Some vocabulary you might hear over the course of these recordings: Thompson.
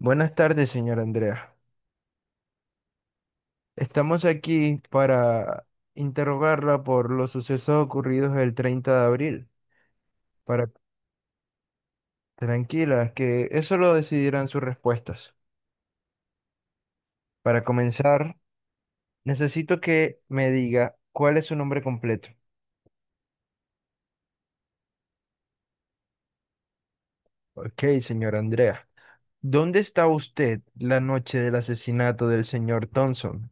Buenas tardes, señora Andrea. Estamos aquí para interrogarla por los sucesos ocurridos el 30 de abril. Para tranquila, que eso lo decidirán sus respuestas. Para comenzar, necesito que me diga cuál es su nombre completo. Ok, señora Andrea. ¿Dónde está usted la noche del asesinato del señor Thompson?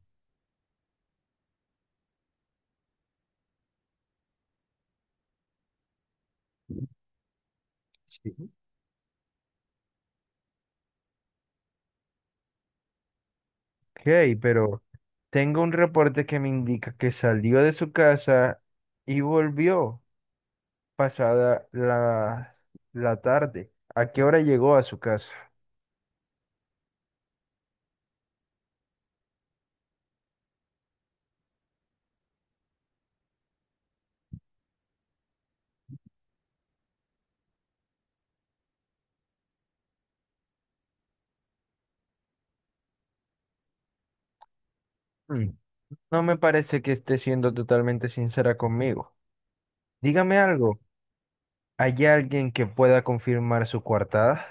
Sí. Ok, pero tengo un reporte que me indica que salió de su casa y volvió pasada la tarde. ¿A qué hora llegó a su casa? Mm, No me parece que esté siendo totalmente sincera conmigo. Dígame algo. ¿Hay alguien que pueda confirmar su coartada?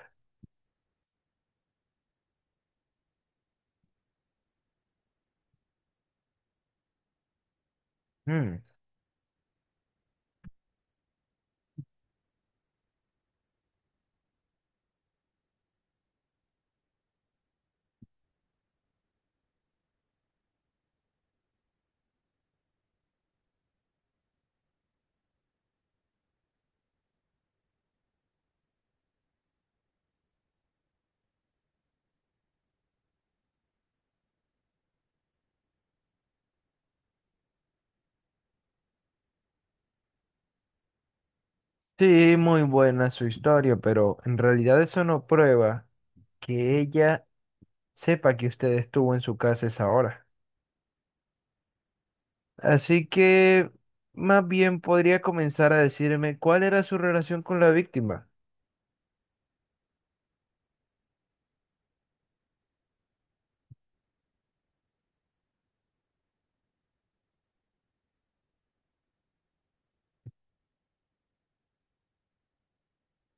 Mm. Sí, muy buena su historia, pero en realidad eso no prueba que ella sepa que usted estuvo en su casa a esa hora. Así que más bien podría comenzar a decirme cuál era su relación con la víctima.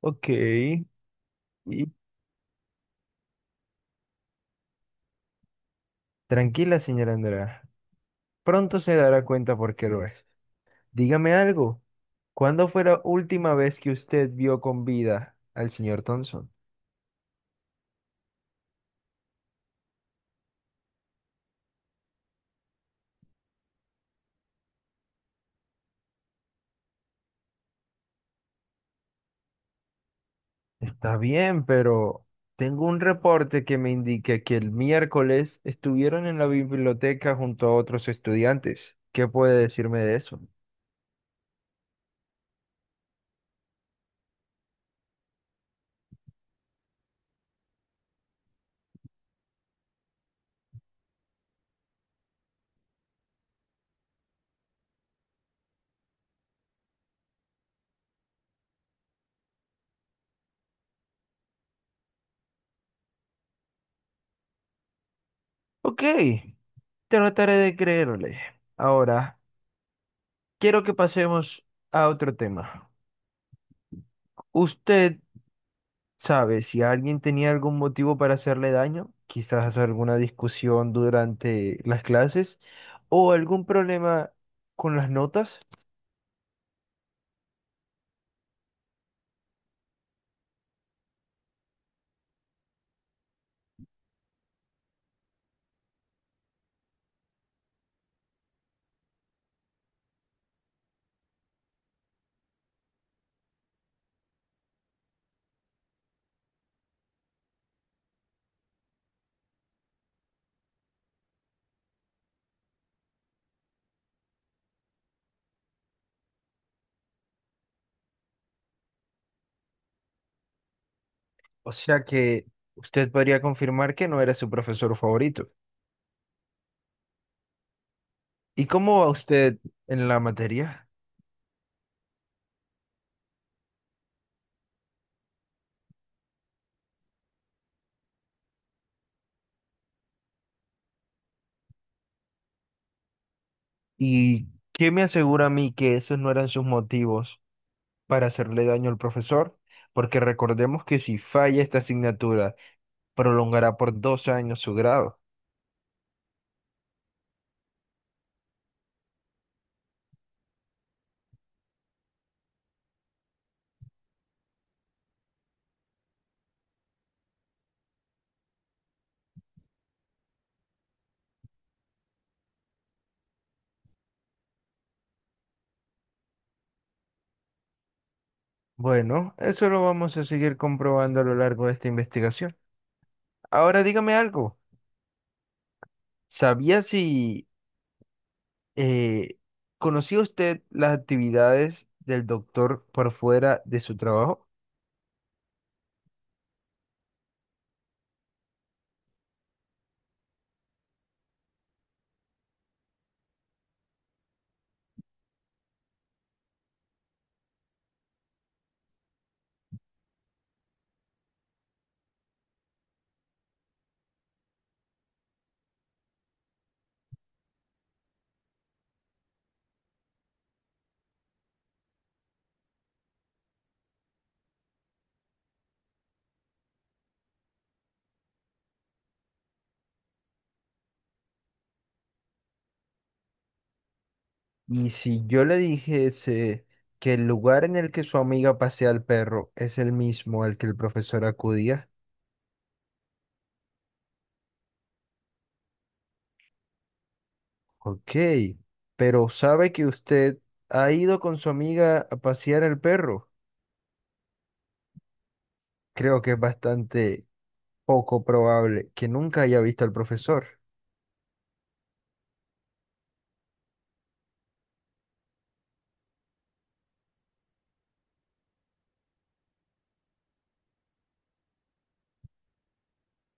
Ok. Tranquila, señora Andrea. Pronto se dará cuenta por qué lo es. Dígame algo. ¿Cuándo fue la última vez que usted vio con vida al señor Thompson? Está bien, pero tengo un reporte que me indica que el miércoles estuvieron en la biblioteca junto a otros estudiantes. ¿Qué puede decirme de eso? Ok, trataré de creerle. Ahora, quiero que pasemos a otro tema. Usted sabes, si alguien tenía algún motivo para hacerle daño, quizás alguna discusión durante las clases o algún problema con las notas, o sea que usted podría confirmar que no era su profesor favorito. ¿Y cómo va usted en la materia? ¿Y qué me asegura a mí que esos no eran sus motivos para hacerle daño al profesor? Porque recordemos que si falla esta asignatura, prolongará por 2 años su grado. Bueno, eso lo vamos a seguir comprobando a lo largo de esta investigación. Ahora dígame algo. ¿Sabía si eh, conocía usted las actividades del doctor por fuera de su trabajo? Y si yo le dijese que el lugar en el que su amiga pasea al perro es el mismo al que el profesor acudía, ok, pero ¿sabe que usted ha ido con su amiga a pasear al perro? Creo que es bastante poco probable que nunca haya visto al profesor.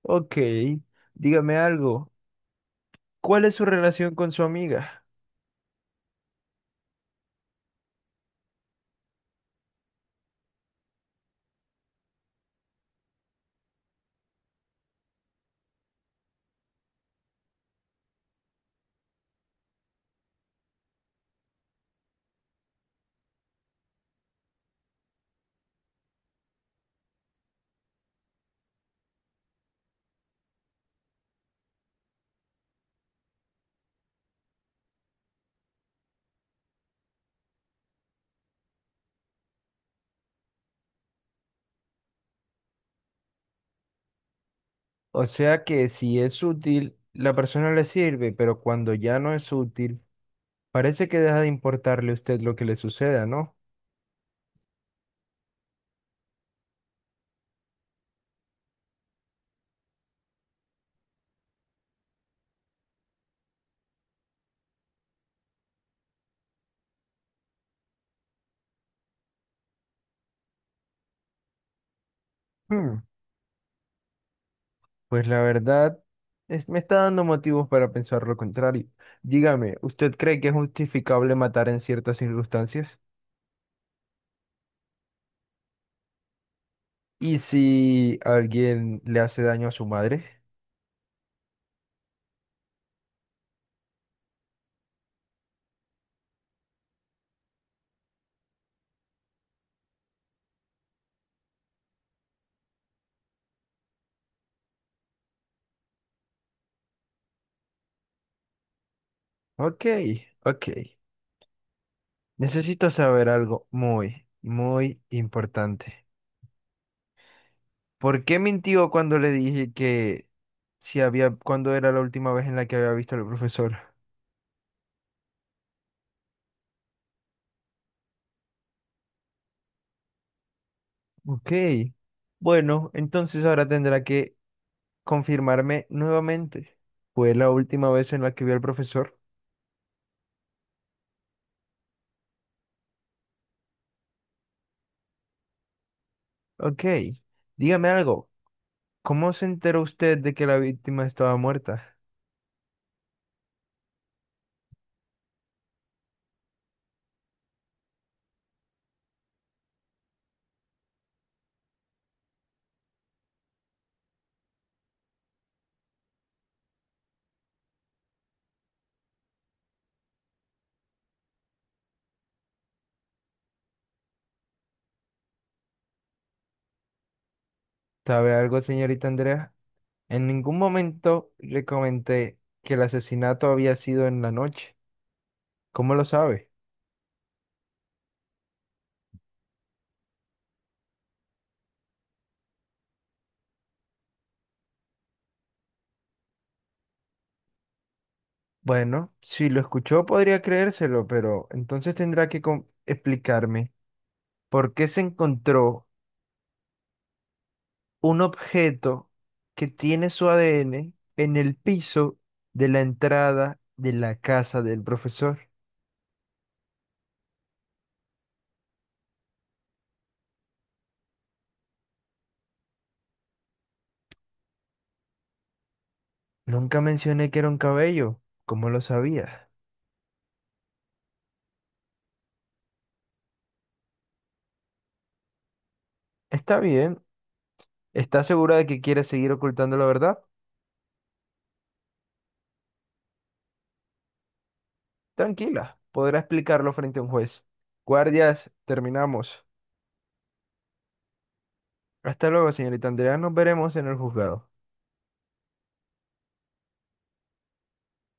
Ok, dígame algo. ¿Cuál es su relación con su amiga? O sea que si es útil, la persona le sirve, pero cuando ya no es útil, parece que deja de importarle a usted lo que le suceda, ¿no? Hmm, pues la verdad, me está dando motivos para pensar lo contrario. Dígame, ¿usted cree que es justificable matar en ciertas circunstancias? ¿Y si alguien le hace daño a su madre? Ok, ok. Necesito saber algo muy, muy importante. ¿Por qué mintió cuando le dije que si había, cuándo era la última vez en la que había visto al profesor? Ok. Bueno, entonces ahora tendrá que confirmarme nuevamente. ¿Fue la última vez en la que vio al profesor? Ok. Dígame algo. ¿Cómo se enteró usted de que la víctima estaba muerta? ¿Sabe algo, señorita Andrea? En ningún momento le comenté que el asesinato había sido en la noche. ¿Cómo lo sabe? Bueno, si lo escuchó podría creérselo, pero entonces tendrá que explicarme por qué se encontró un objeto que tiene su ADN en el piso de la entrada de la casa del profesor. Nunca mencioné que era un cabello. ¿Cómo lo sabías? Está bien. ¿Está segura de que quiere seguir ocultando la verdad? Tranquila, podrá explicarlo frente a un juez. Guardias, terminamos. Hasta luego, señorita Andrea. Nos veremos en el juzgado.